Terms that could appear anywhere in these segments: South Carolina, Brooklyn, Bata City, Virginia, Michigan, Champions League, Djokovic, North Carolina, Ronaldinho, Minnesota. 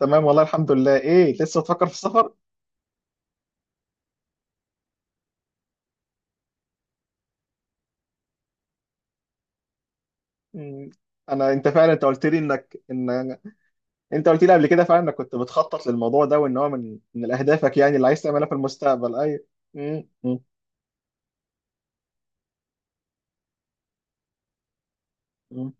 تمام، والله الحمد لله. ايه، لسه بتفكر في السفر؟ مم. انا انت فعلا انت قلت لي انك ان انت قلت لي قبل كده فعلا انك كنت بتخطط للموضوع ده، وان هو من اهدافك يعني اللي عايز تعملها في المستقبل. ايوه. مم. مم. مم.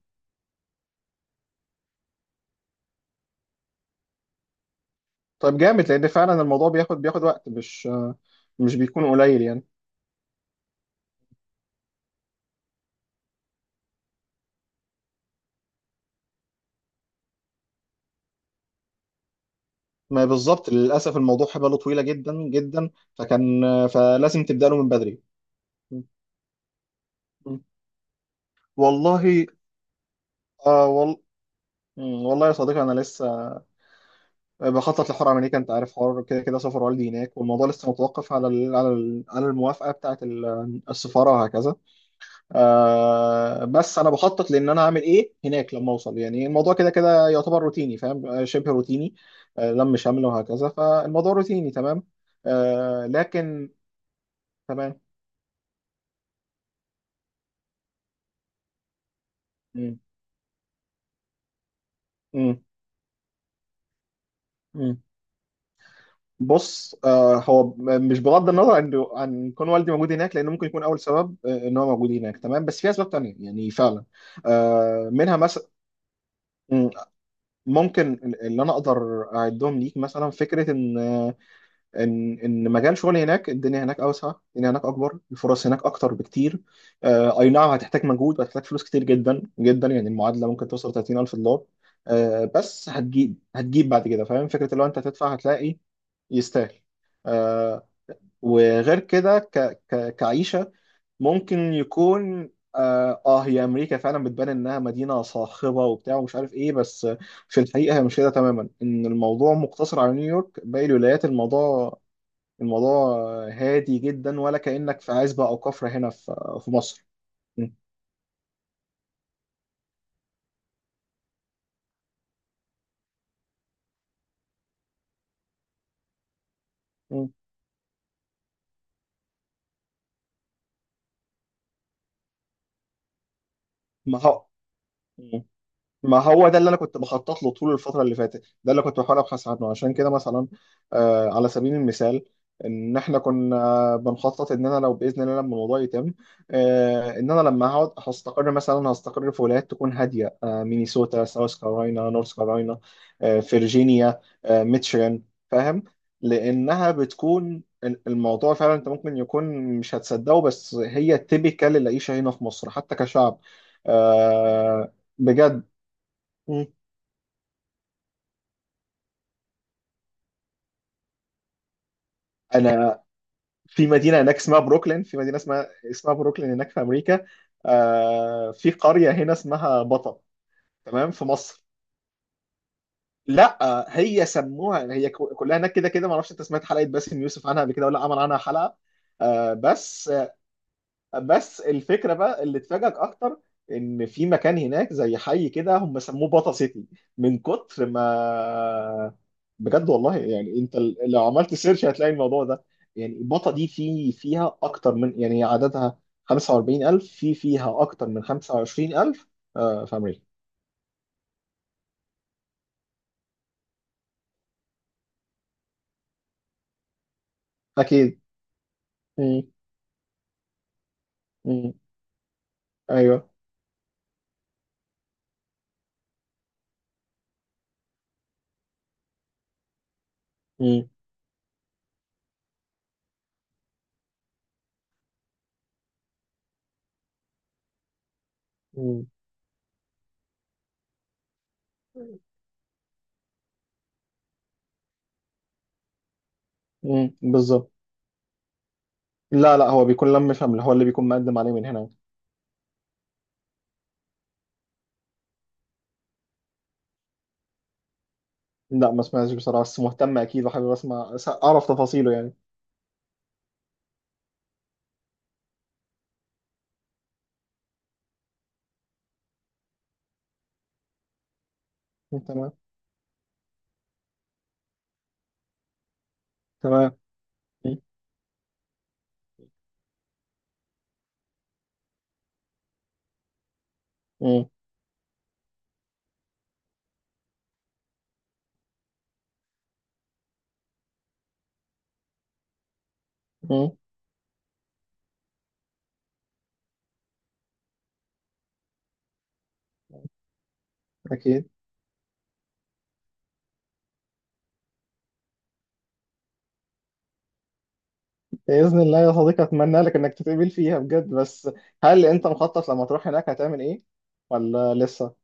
طيب، جامد، لان فعلا الموضوع بياخد وقت، مش بيكون قليل يعني. ما بالظبط، للاسف الموضوع حباله طويله جدا جدا. فكان فلازم تبدا له من بدري. مم. مم. والله، آه وال... مم. والله يا صديقي، انا لسه بخطط لحوار امريكا. انت عارف، حوار كده كده سفر والدي هناك، والموضوع لسه متوقف على ال على ال على الموافقه بتاعه السفاره وهكذا. آه، بس انا بخطط لان انا هعمل ايه هناك لما اوصل. يعني الموضوع كده كده يعتبر روتيني، فاهم؟ شبه روتيني، آه، لم شمل وهكذا، فالموضوع روتيني تمام، آه، لكن تمام. امم بص، آه، هو، مش بغض النظر عن كون والدي موجود هناك، لان ممكن يكون اول سبب، ان هو موجود هناك تمام، بس في اسباب تانية يعني فعلا. آه، منها مثلا ممكن اللي انا اقدر اعدهم ليك، مثلا فكره ان آه، ان ان مجال شغلي هناك، الدنيا هناك اوسع، الدنيا هناك اكبر، الفرص هناك اكتر بكتير. آه، اي نعم، هتحتاج مجهود وهتحتاج فلوس كتير جدا جدا، يعني المعادله ممكن توصل $30,000. آه، بس هتجيب بعد كده، فاهم فكره؟ لو انت هتدفع هتلاقي. يستاهل. آه، وغير كده كعيشة ممكن يكون، آه، هي أمريكا فعلا بتبان إنها مدينة صاخبة وبتاع ومش عارف إيه، بس في الحقيقة هي مش كده تماما. إن الموضوع مقتصر على نيويورك، باقي الولايات الموضوع الموضوع هادي جدا، ولا كأنك في عزبة أو كفرة هنا في مصر. م. م. ما هو ما هو ده اللي انا كنت بخطط له طول الفتره اللي فاتت، ده اللي كنت بحاول ابحث عنه، عشان كده مثلا، آه، على سبيل المثال، ان احنا كنا بنخطط ان انا لو باذن الله لما الموضوع يتم، آه، ان انا لما هقعد هستقر، مثلا هستقر في ولايات تكون هاديه، آه، مينيسوتا، ساوث كارولاينا، نورث كارولاينا، آه، فيرجينيا، آه، ميتشيغان، فاهم؟ لانها بتكون الموضوع فعلا، انت ممكن يكون مش هتصدقه، بس هي تيبيكال العيشه هنا في مصر حتى كشعب، آه، بجد. مم. انا في مدينه هناك اسمها بروكلين، في مدينه اسمها بروكلين هناك في امريكا. آه، في قريه هنا اسمها بطا، تمام، في مصر. لا آه، هي سموها، هي كلها هناك كده كده، ما اعرفش انت سمعت حلقه باسم يوسف عنها قبل كده ولا عمل عنها حلقه. آه بس بس الفكره بقى اللي تفاجئك اكتر، ان في مكان هناك زي حي كده، هم سموه باتا سيتي، من كتر ما، بجد والله، يعني انت لو عملت سيرش هتلاقي الموضوع ده. يعني باتا دي في فيها اكتر من، يعني هي عددها 45,000، في فيها اكتر من 25,000، آه، في امريكا. اكيد. مم. مم. ايوه. مم. مم. مم. بالظبط. لا لا، هو بيكون لم فهم، هو اللي بيكون مقدم عليه من هنا. لا، ما سمعتش بصراحة، بس مهتم أكيد وحابب أسمع، أعرف تفاصيله يعني. تمام. تمام. م- م- م- أكيد. بإذن الله يا صديقي، أتمنى لك إنك تتقبل فيها بجد. بس هل أنت مخطط لما تروح هناك هتعمل إيه، ولا لسه؟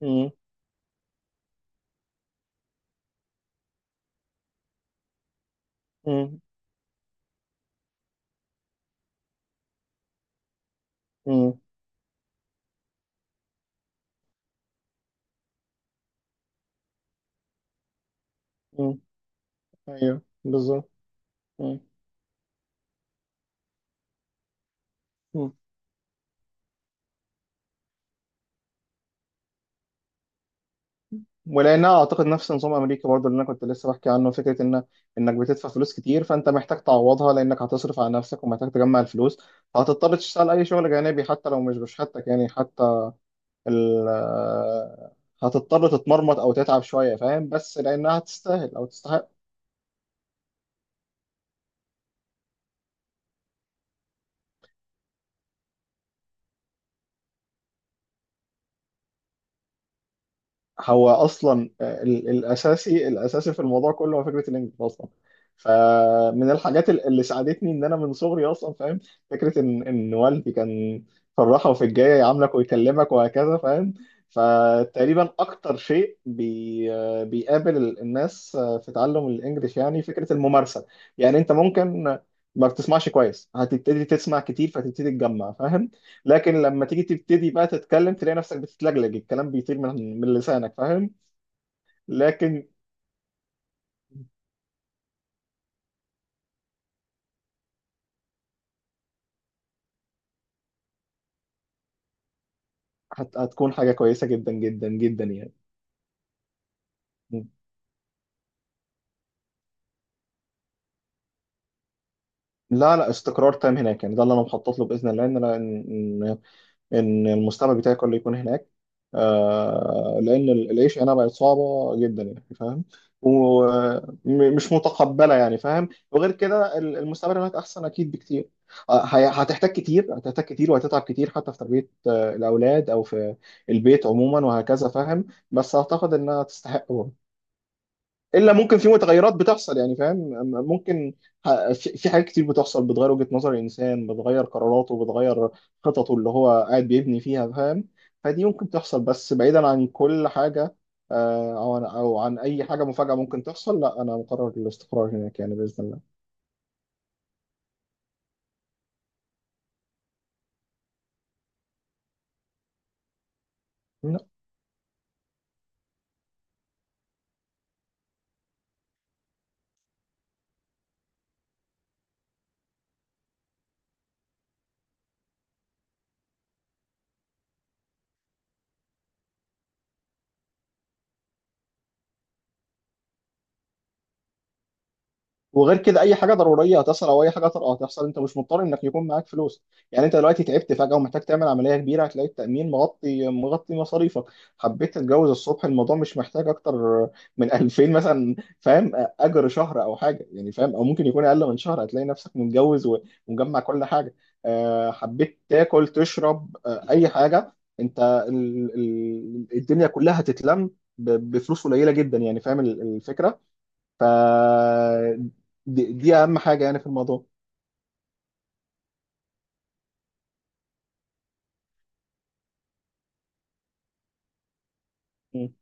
م- م- م- م. أيوه، بالظبط. م- م. ولانها اعتقد نفس نظام امريكا برضه، اللي انا كنت لسه بحكي عنه، فكره ان انك بتدفع فلوس كتير، فانت محتاج تعوضها، لانك هتصرف على نفسك ومحتاج تجمع الفلوس، فهتضطر تشتغل اي شغل جانبي حتى لو مش بشهادتك، يعني حتى ال هتضطر تتمرمط او تتعب شويه، فاهم؟ بس لانها تستاهل او تستحق. هو اصلا، آه، الاساسي في الموضوع كله هو فكره الانجليش اصلا. فمن الحاجات اللي ساعدتني ان انا من صغري اصلا، فاهم، فكره ان والدي كان في الراحه وفي الجايه يعاملك ويكلمك وهكذا، فاهم؟ فتقريبا اكتر شيء بي آه، بيقابل الناس، آه، في تعلم الانجليش، يعني فكره الممارسه. يعني انت ممكن ما بتسمعش كويس، هتبتدي تسمع كتير فتبتدي تجمع، فاهم؟ لكن لما تيجي تبتدي بقى تتكلم، تلاقي نفسك بتتلجلج، الكلام بيطير من لسانك، فاهم؟ لكن هتكون حاجة كويسة جدا جدا جدا يعني. لا لا، استقرار تام هناك، يعني ده اللي انا مخطط له بإذن الله، ان انا ان المستقبل بتاعي كله يكون هناك، آه، لان العيش هنا بقت صعبه جدا، يعني فاهم؟ ومش متقبله، يعني فاهم؟ وغير كده المستقبل هناك احسن اكيد بكتير. آه، هتحتاج كتير، هتحتاج كتير، وهتتعب كتير، حتى في تربيه، آه، الاولاد او في البيت عموما وهكذا، فاهم؟ بس اعتقد انها تستحق. الا ممكن في متغيرات بتحصل، يعني فاهم، أما ممكن، في حاجات كتير بتحصل بتغير وجهة نظر الانسان، بتغير قراراته، بتغير خططه اللي هو قاعد بيبني فيها، فاهم؟ فدي ممكن تحصل، بس بعيدا عن كل حاجة، آه، او عن اي حاجة مفاجأة ممكن تحصل، لا انا مقرر الاستقرار هناك، يعني بإذن الله. وغير كده، اي حاجه ضروريه هتحصل او اي حاجه طارئه هتحصل، انت مش مضطر انك يكون معاك فلوس. يعني انت دلوقتي تعبت فجاه ومحتاج تعمل عمليه كبيره، هتلاقي التامين مغطي مصاريفك. حبيت تتجوز الصبح، الموضوع مش محتاج اكتر من 2,000 مثلا، فاهم، اجر شهر او حاجه يعني فاهم، او ممكن يكون اقل من شهر، هتلاقي نفسك متجوز و- ومجمع كل حاجه، آه، حبيت تاكل تشرب، آه، اي حاجه، انت الدنيا كلها هتتلم بفلوس قليله جدا، يعني فاهم الفكره. ف دي اهم حاجه يعني في الموضوع. مم.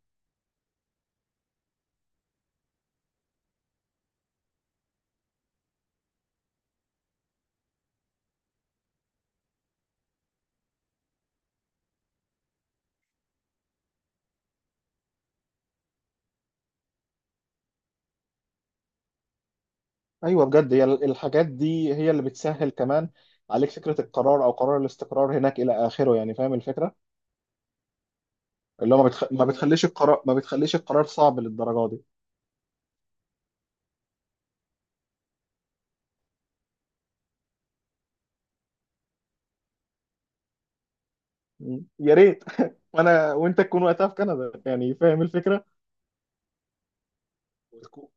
ايوه بجد، هي الحاجات دي هي اللي بتسهل كمان عليك فكره القرار، او قرار الاستقرار هناك الى اخره، يعني فاهم الفكره، اللي هو ما, بتخ... ما مم. بتخليش القرار ما بتخليش القرار صعب للدرجه دي. مم. يا ريت. وانا وانت تكون وقتها في كندا، يعني فاهم الفكره، وتكون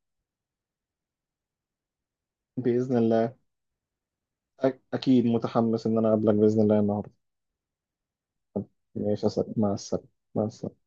باذن الله. اكيد متحمس ان انا اقابلك باذن الله النهارده. ماشي يا صاحبي. مع السلامه. مع السلامه.